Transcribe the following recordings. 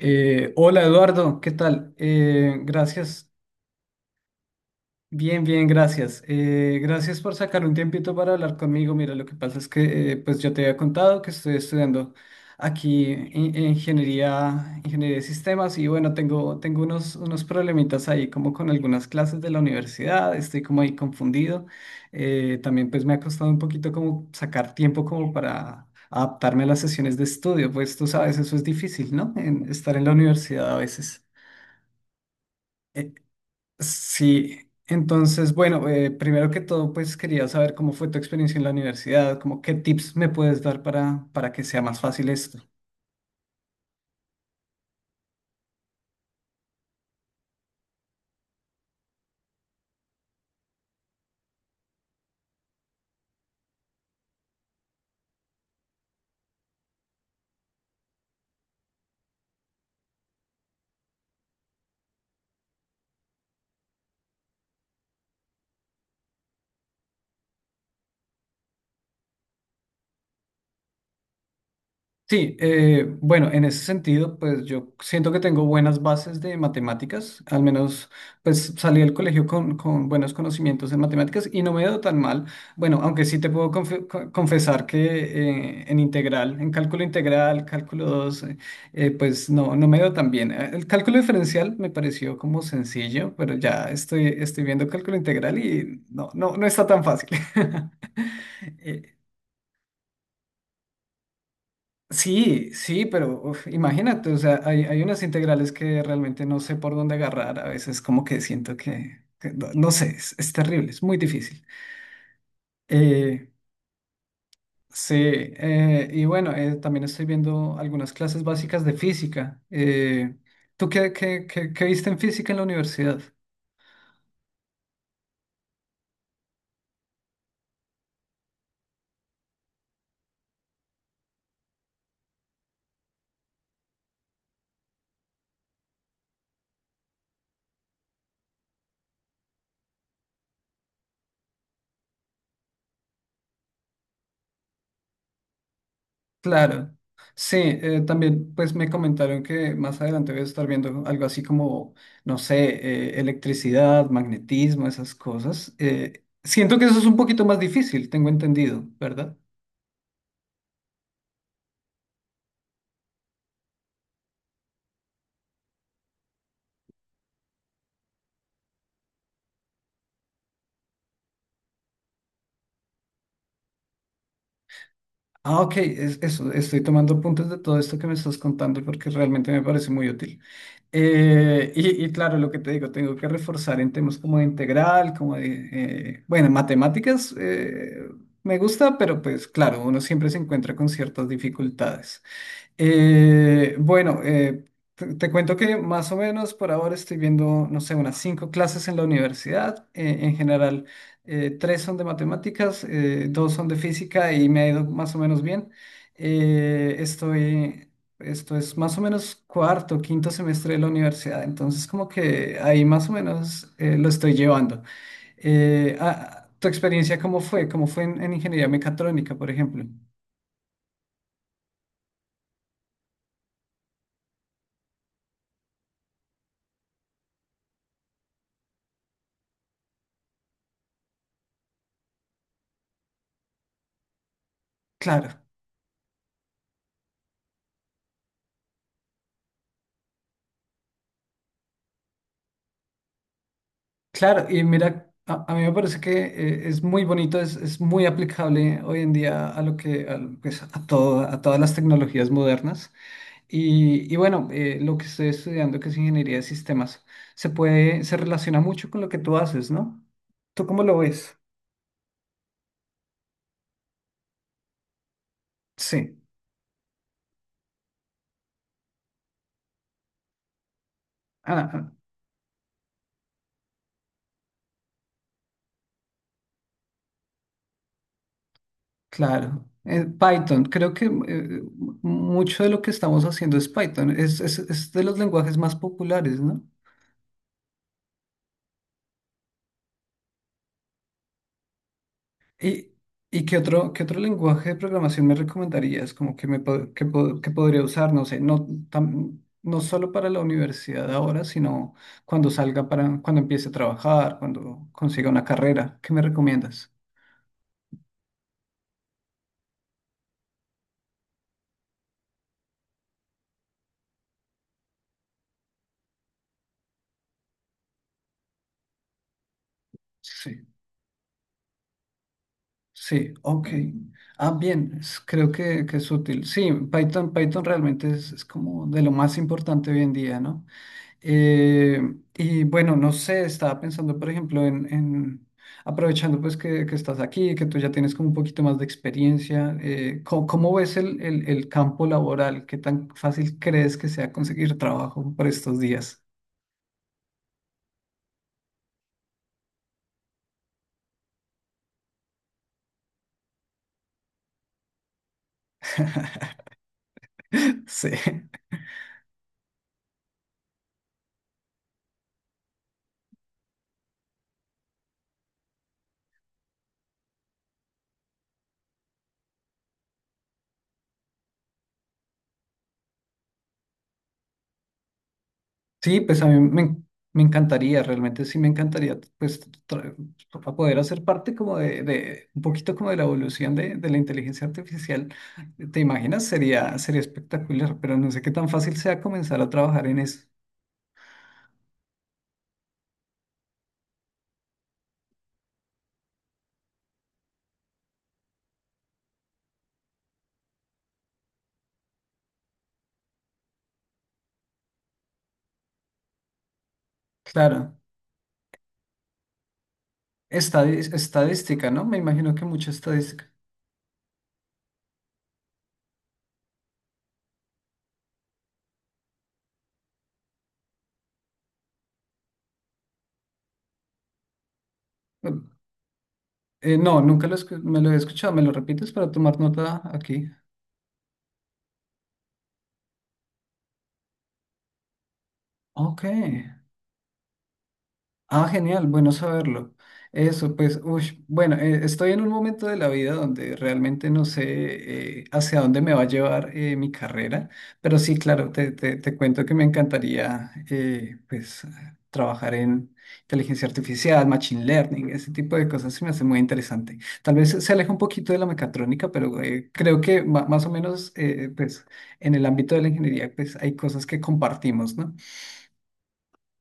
Hola Eduardo, ¿qué tal? Gracias, bien, bien, gracias. Gracias por sacar un tiempito para hablar conmigo. Mira, lo que pasa es que pues yo te había contado que estoy estudiando aquí ingeniería de sistemas y bueno, tengo unos, problemitas ahí como con algunas clases de la universidad, estoy como ahí confundido. También pues me ha costado un poquito como sacar tiempo como para... adaptarme a las sesiones de estudio, pues tú sabes, eso es difícil, ¿no? En estar en la universidad a veces. Sí, entonces, bueno, primero que todo, pues quería saber cómo fue tu experiencia en la universidad, como qué tips me puedes dar para que sea más fácil esto. Sí, bueno, en ese sentido, pues yo siento que tengo buenas bases de matemáticas, al menos pues salí del colegio con buenos conocimientos en matemáticas y no me he dado tan mal. Bueno, aunque sí te puedo confesar que en cálculo integral, cálculo 2, pues no, me he dado tan bien. El cálculo diferencial me pareció como sencillo, pero ya estoy, viendo cálculo integral y no está tan fácil. Eh, Sí, sí, pero uf, imagínate, o sea, hay unas integrales que realmente no sé por dónde agarrar, a veces como que siento que, no, no sé, es terrible, es muy difícil. Eh, sí, y bueno, también estoy viendo algunas clases básicas de física. ¿Tú qué viste en física en la universidad? Claro, sí, también pues me comentaron que más adelante voy a estar viendo algo así como, no sé, electricidad, magnetismo, esas cosas. Siento que eso es un poquito más difícil, tengo entendido, ¿verdad? Ah, ok, eso, estoy tomando apuntes de todo esto que me estás contando porque realmente me parece muy útil. Y claro, lo que te digo, tengo que reforzar en temas como de integral, como de, bueno, matemáticas, me gusta, pero pues claro, uno siempre se encuentra con ciertas dificultades. Bueno, te cuento que más o menos por ahora estoy viendo, no sé, unas cinco clases en la universidad. En general, tres son de matemáticas, dos son de física y me ha ido más o menos bien. Eh, estoy, Esto es más o menos cuarto, quinto semestre de la universidad, entonces como que ahí más o menos lo estoy llevando. ¿Tu experiencia cómo fue? ¿Cómo fue en ingeniería mecatrónica, por ejemplo? Claro. Claro, y mira, a, mí me parece que es muy bonito, es muy aplicable hoy en día a lo que, a, lo- pues, a todas las tecnologías modernas. Y bueno, lo que estoy estudiando, que es ingeniería de sistemas, se relaciona mucho con lo que tú haces, ¿no? ¿Tú cómo lo ves? Sí. Ah, ah, claro. Python, creo que mucho de lo que estamos haciendo es Python, es, de los lenguajes más populares, ¿no? ¿Y, y qué otro lenguaje de programación me recomendarías? Como que, me, pod- que podría usar, no sé, no solo para la universidad ahora, sino cuando empiece a trabajar, cuando consiga una carrera. ¿Qué me recomiendas? Sí, sí, ok. Ah, bien, creo que, es útil. Sí, Python realmente es como de lo más importante hoy en día, ¿no? Eh, y bueno, no sé, estaba pensando, por ejemplo, aprovechando pues que estás aquí, que tú ya tienes como un poquito más de experiencia, ¿cómo ves el campo laboral? ¿Qué tan fácil crees que sea conseguir trabajo por estos días? Sí. Sí, pues a mí me, en- me encantaría, realmente sí me encantaría, para poder hacer parte como un poquito como de la evolución de la inteligencia artificial. ¿Te imaginas? Sería espectacular, pero no sé qué tan fácil sea comenzar a trabajar en eso. Claro, estadística, ¿no? Me imagino que mucha estadística. No, nunca me lo he escuchado, ¿me lo repites para tomar nota aquí? Ok. Ah, genial, bueno saberlo. Eso, pues, uy, bueno, estoy en un momento de la vida donde realmente no sé hacia dónde me va a llevar mi carrera, pero sí, claro, te, te cuento que me encantaría, pues, trabajar en inteligencia artificial, machine learning, ese tipo de cosas se me hace muy interesante. Tal vez se aleja un poquito de la mecatrónica, pero creo que más o menos, pues, en el ámbito de la ingeniería, pues, hay cosas que compartimos, ¿no?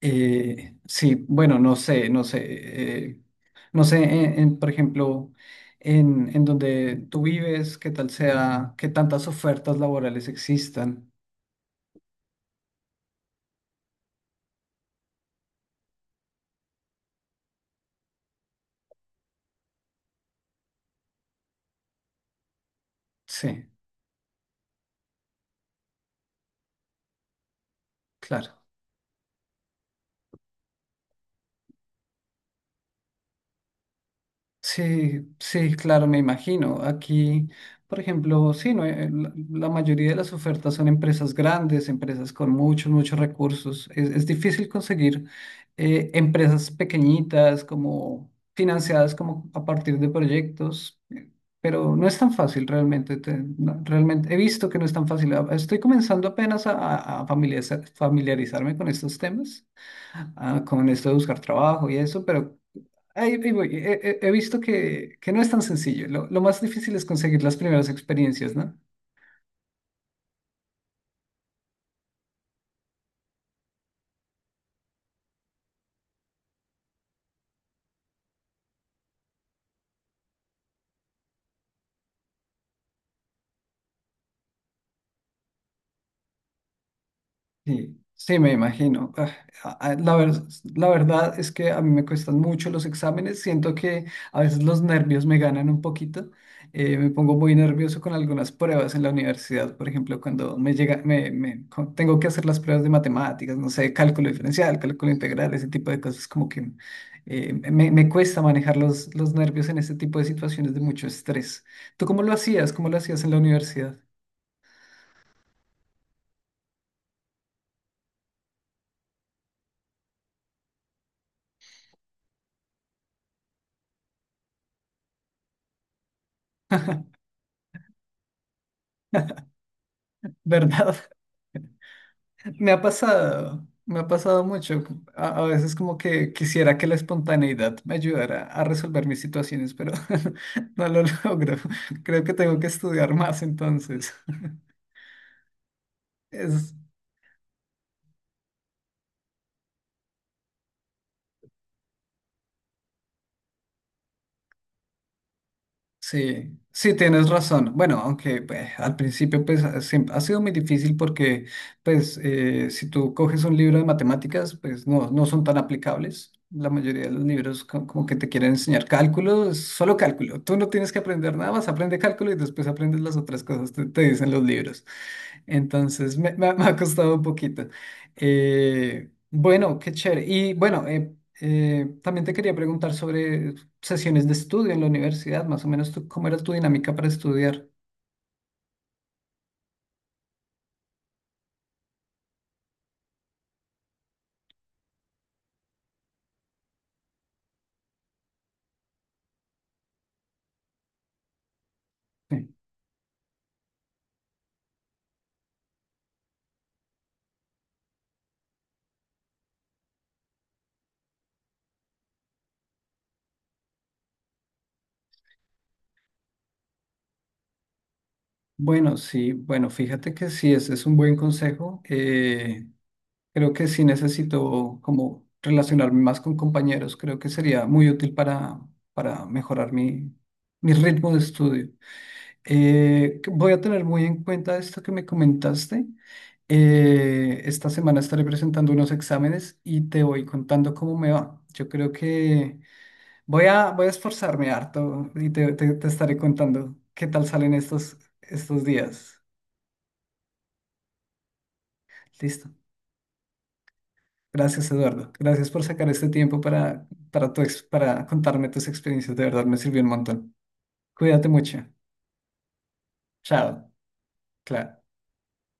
Sí, bueno, no sé, no sé, eh, no sé, por ejemplo, en donde tú vives, qué tal sea, qué tantas ofertas laborales existan. Sí, claro. Sí, sí, claro, me imagino. Aquí, por ejemplo, sí, no, la mayoría de las ofertas son empresas grandes, empresas con muchos, muchos recursos. Es difícil conseguir empresas pequeñitas, como financiadas como a partir de proyectos, pero no es tan fácil realmente. No, realmente he visto que no es tan fácil. Ah, estoy comenzando apenas a familiarizarme con estos temas, con esto de buscar trabajo y eso, pero ahí, voy. He visto que no es tan sencillo. Lo más difícil es conseguir las primeras experiencias, ¿no? Sí, sí, me imagino. A- a- La ver- la verdad es que a mí me cuestan mucho los exámenes. Siento que a veces los nervios me ganan un poquito. Me pongo muy nervioso con algunas pruebas en la universidad. Por ejemplo, cuando me llega, me- cu- tengo que hacer las pruebas de matemáticas, no sé, cálculo diferencial, cálculo integral, ese tipo de cosas, como que me, cuesta manejar los nervios en ese tipo de situaciones de mucho estrés. ¿Tú cómo lo hacías? ¿Cómo lo hacías en la universidad? ¿Verdad? Me ha pasado mucho. A veces como que quisiera que la espontaneidad me ayudara a resolver mis situaciones, pero no lo logro. Creo que tengo que estudiar más entonces. Es, Sí, sí, tienes razón. Bueno, aunque pues, al principio pues, ha sido muy difícil porque pues, si tú coges un libro de matemáticas, pues no, son tan aplicables. La mayoría de los libros como que te quieren enseñar cálculo, es solo cálculo. Tú no tienes que aprender nada más, aprende cálculo y después aprendes las otras cosas, te dicen los libros. Entonces me ha costado un poquito. Bueno, qué chévere. Y bueno, también te quería preguntar sobre sesiones de estudio en la universidad, más o menos tú, cómo era tu dinámica para estudiar. Sí. Bueno, sí, bueno, fíjate que sí, ese es un buen consejo. Creo que sí necesito como relacionarme más con compañeros, creo que sería muy útil para, mejorar mi ritmo de estudio. Que voy a tener muy en cuenta esto que me comentaste. Esta semana estaré presentando unos exámenes y te voy contando cómo me va. Yo creo que. Voy a esforzarme harto y te, te estaré contando qué tal salen estos, días. Listo. Gracias, Eduardo. Gracias por sacar este tiempo para contarme tus experiencias. De verdad, me sirvió un montón. Cuídate mucho. Chao. Claro.